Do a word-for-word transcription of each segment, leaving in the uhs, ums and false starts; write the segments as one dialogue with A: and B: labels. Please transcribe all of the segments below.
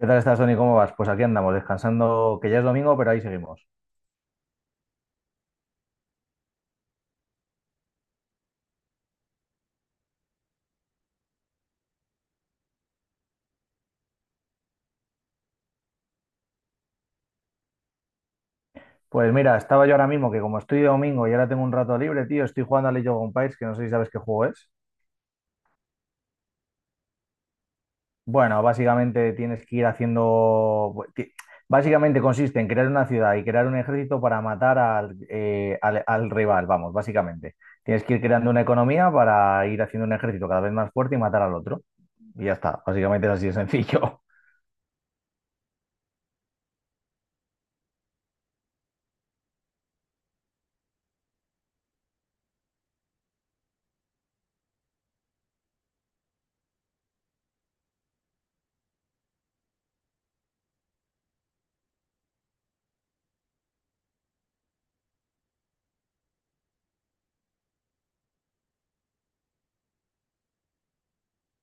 A: ¿Qué tal estás, Tony? ¿Cómo vas? Pues aquí andamos, descansando, que ya es domingo, pero ahí seguimos. Pues mira, estaba yo ahora mismo, que como estoy de domingo y ahora tengo un rato libre, tío, estoy jugando a League of Empires, que no sé si sabes qué juego es. Bueno, básicamente tienes que ir haciendo bu- ti- básicamente consiste en crear una ciudad y crear un ejército para matar al, eh, al- al rival, vamos, básicamente. Tienes que ir creando una economía para ir haciendo un ejército cada vez más fuerte y matar al otro. Y ya está, básicamente es así de sencillo.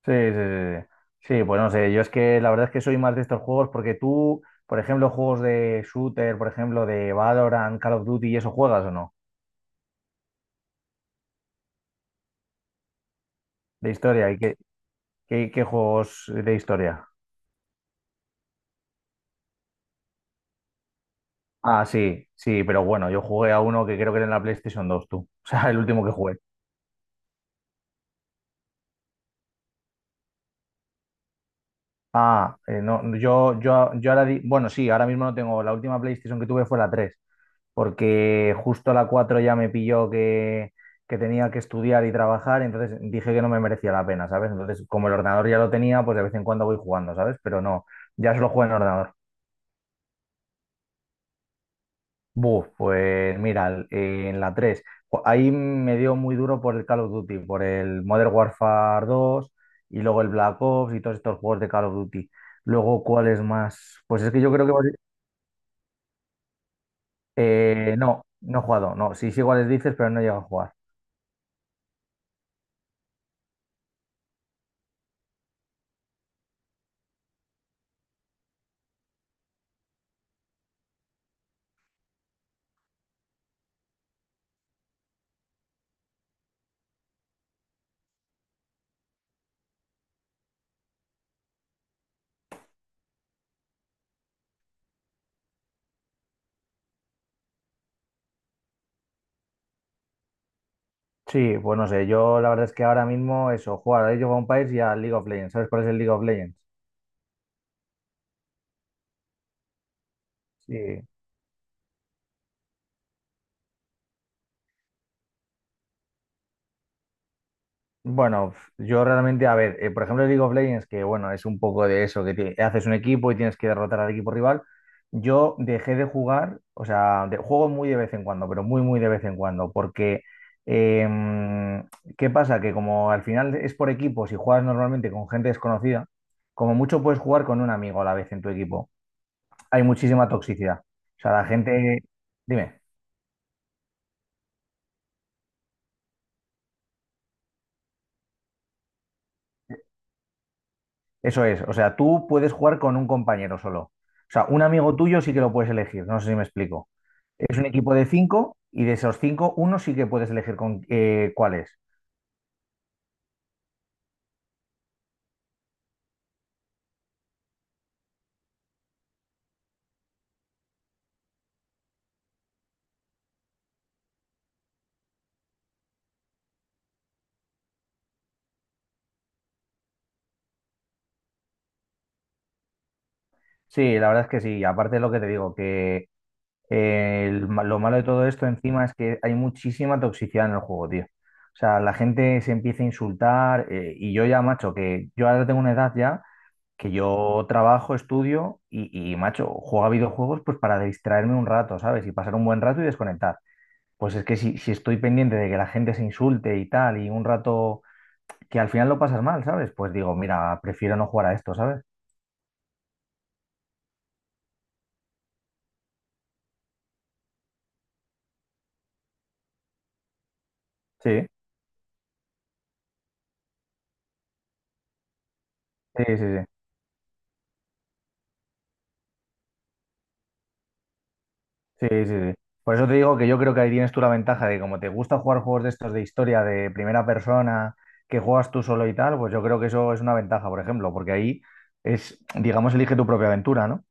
A: Sí, sí. Sí, sí, sí, pues no sé, yo es que la verdad es que soy más de estos juegos porque tú, por ejemplo, juegos de shooter, por ejemplo, de Valorant, Call of Duty, ¿y eso juegas o no? De historia, ¿y qué, qué, qué juegos de historia? Ah, sí, sí, pero bueno, yo jugué a uno que creo que era en la PlayStation dos, tú. O sea, el último que jugué. Ah, eh, no, yo, yo, yo ahora, di- bueno, sí, ahora mismo no tengo, la última PlayStation que tuve fue la tres, porque justo a la cuatro ya me pilló que, que tenía que estudiar y trabajar, entonces dije que no me merecía la pena, ¿sabes? Entonces, como el ordenador ya lo tenía, pues de vez en cuando voy jugando, ¿sabes? Pero no, ya solo juego en ordenador. Buf, pues mira, el- eh, en la tres jo- ahí me dio muy duro por el Call of Duty, por el Modern Warfare dos y luego el Black Ops y todos estos juegos de Call of Duty. Luego, ¿cuál es más? Pues es que yo creo que... eh, no, no he jugado, no, sí sé cuáles dices, pero no he llegado a jugar. Sí, pues no sé, yo la verdad es que ahora mismo eso, jugar a Age of Empires y a League of Legends. ¿Sabes cuál es el League of Legends? Sí. Bueno, f- yo realmente, a ver, eh, por ejemplo, el League of Legends, que bueno, es un poco de eso, que ti- haces un equipo y tienes que derrotar al equipo rival. Yo dejé de jugar, o sea, de- juego muy de vez en cuando, pero muy, muy de vez en cuando, porque em, ¿qué pasa? Que como al final es por equipos y juegas normalmente con gente desconocida, como mucho puedes jugar con un amigo a la vez en tu equipo. Hay muchísima toxicidad. O sea, la gente, dime, eso es. O sea, tú puedes jugar con un compañero solo. O sea, un amigo tuyo sí que lo puedes elegir, no sé si me explico. Es un equipo de cinco y de esos cinco, uno sí que puedes elegir con eh, cuáles. Sí, la verdad es que sí. Aparte de lo que te digo, que eh, el ma- lo malo de todo esto encima es que hay muchísima toxicidad en el juego, tío. O sea, la gente se empieza a insultar, eh, y yo ya, macho, que yo ahora tengo una edad ya que yo trabajo, estudio y, y, macho, juego a videojuegos pues para distraerme un rato, ¿sabes? Y pasar un buen rato y desconectar. Pues es que si, si estoy pendiente de que la gente se insulte y tal, y un rato que al final lo pasas mal, ¿sabes? Pues digo, mira, prefiero no jugar a esto, ¿sabes? Sí, sí, sí, sí, sí, sí, sí. Por eso te digo que yo creo que ahí tienes tú la ventaja de que como te gusta jugar juegos de estos de historia, de primera persona, que juegas tú solo y tal, pues yo creo que eso es una ventaja, por ejemplo, porque ahí es, digamos, elige tu propia aventura, ¿no?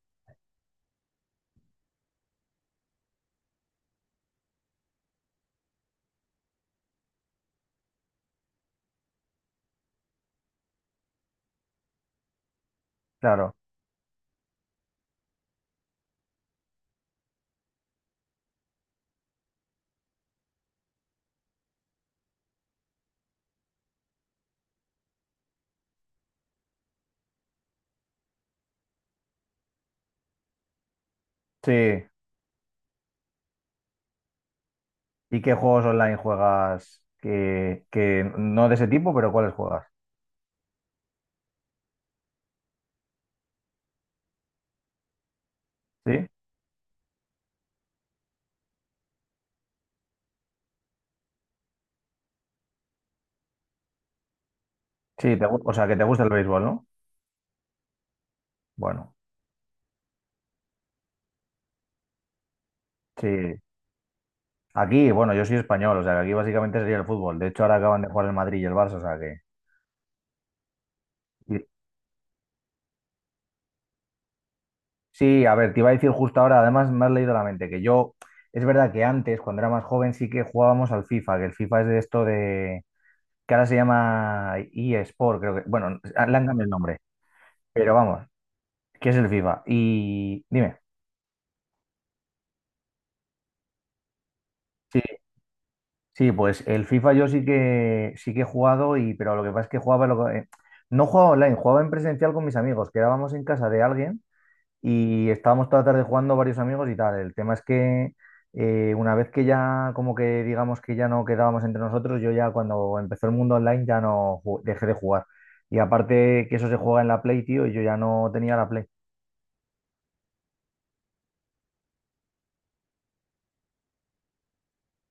A: Claro. Sí. ¿Y qué juegos online juegas que, que no de ese tipo, pero cuáles juegas? ¿Sí? Sí, te gu- o sea, que te gusta el béisbol, ¿no? Bueno, sí. Aquí, bueno, yo soy español, o sea, que aquí básicamente sería el fútbol. De hecho, ahora acaban de jugar el Madrid y el Barça, o sea que... y- sí, a ver, te iba a decir justo ahora, además me has leído la mente, que yo, es verdad que antes, cuando era más joven, sí que jugábamos al FIFA, que el FIFA es de esto de... que ahora se llama eSport, creo que... Bueno, le han cambiado el nombre, pero vamos, ¿qué es el FIFA? Y dime. Sí, sí, pues el FIFA yo sí que sí que he jugado, y pero lo que pasa es que jugaba lo que- eh, no jugaba online, jugaba en presencial con mis amigos, quedábamos en casa de alguien y estábamos toda la tarde jugando varios amigos y tal. El tema es que, eh, una vez que ya como que digamos que ya no quedábamos entre nosotros, yo ya cuando empezó el mundo online ya no ju- dejé de jugar. Y aparte que eso se juega en la Play, tío, y yo ya no tenía la Play.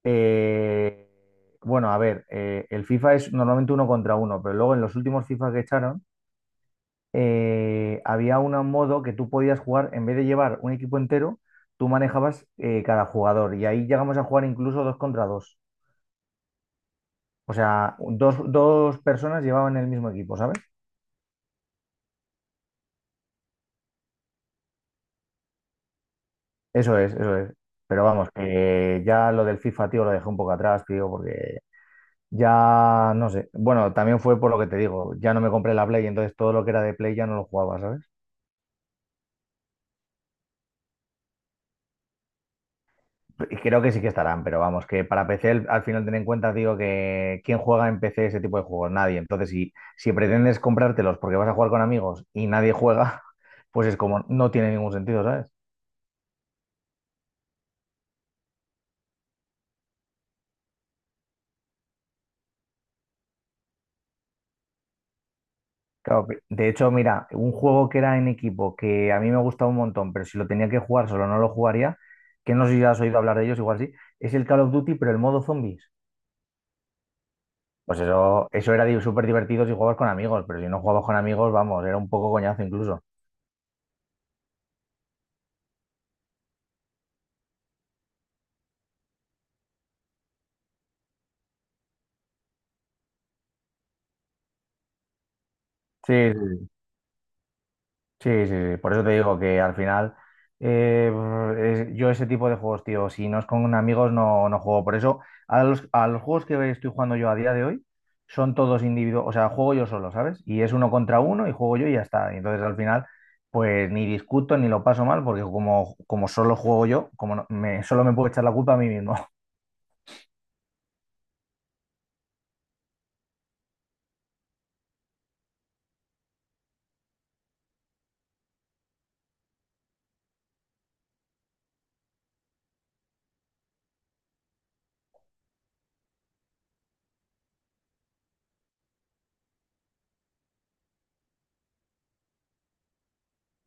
A: Eh, bueno, a ver, eh, el FIFA es normalmente uno contra uno, pero luego en los últimos FIFA que echaron eh, había un modo que tú podías jugar, en vez de llevar un equipo entero, tú manejabas eh, cada jugador y ahí llegamos a jugar incluso dos contra dos. O sea, dos, dos personas llevaban el mismo equipo, ¿sabes? Eso es, eso es. Pero vamos, que ya lo del FIFA, tío, lo dejé un poco atrás, tío, porque ya no sé. Bueno, también fue por lo que te digo, ya no me compré la Play, entonces todo lo que era de Play ya no lo jugaba, ¿sabes? Creo que sí que estarán, pero vamos, que para P C al al final ten en cuenta, digo, que quién juega en P C ese tipo de juegos, nadie. Entonces, si, si pretendes comprártelos porque vas a jugar con amigos y nadie juega, pues es como, no tiene ningún sentido, ¿sabes? Claro, pe- de hecho, mira, un juego que era en equipo que a mí me gustaba un montón, pero si lo tenía que jugar solo no lo jugaría, que no sé si has oído hablar de ellos, igual sí, es el Call of Duty, pero el modo zombies. Pues eso, eso era di- súper divertido si jugabas con amigos, pero si no jugabas con amigos, vamos, era un poco coñazo incluso. Sí, sí. Sí, sí, sí, por eso te digo que al final, eh, es- yo ese tipo de juegos, tío, si no es con amigos no, no juego. Por eso a los, a los juegos que estoy jugando yo a día de hoy son todos individuos, o sea, juego yo solo, ¿sabes? Y es uno contra uno y juego yo y ya está. Y entonces al final pues ni discuto ni lo paso mal porque como, como solo juego yo, como no- me, solo me puedo echar la culpa a mí mismo.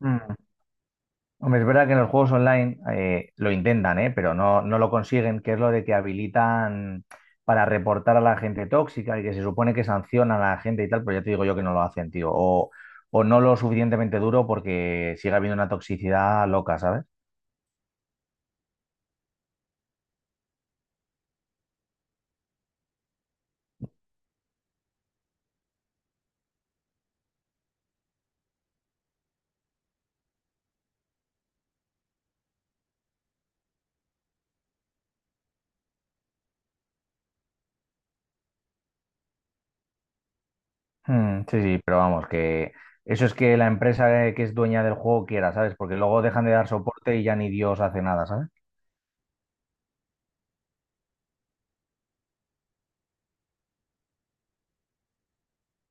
A: Hombre, es verdad que en los juegos online eh, lo intentan, ¿eh? Pero no, no lo consiguen, que es lo de que habilitan para reportar a la gente tóxica y que se supone que sancionan a la gente y tal, pero ya te digo yo que no lo hacen, tío. O, o no lo suficientemente duro porque sigue habiendo una toxicidad loca, ¿sabes? Mm, sí, sí, pero vamos, que eso es que la empresa, eh, que es dueña del juego quiera, ¿sabes? Porque luego dejan de dar soporte y ya ni Dios hace nada, ¿sabes?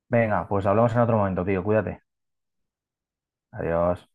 A: Venga, pues hablamos en otro momento, tío. Cuídate. Adiós.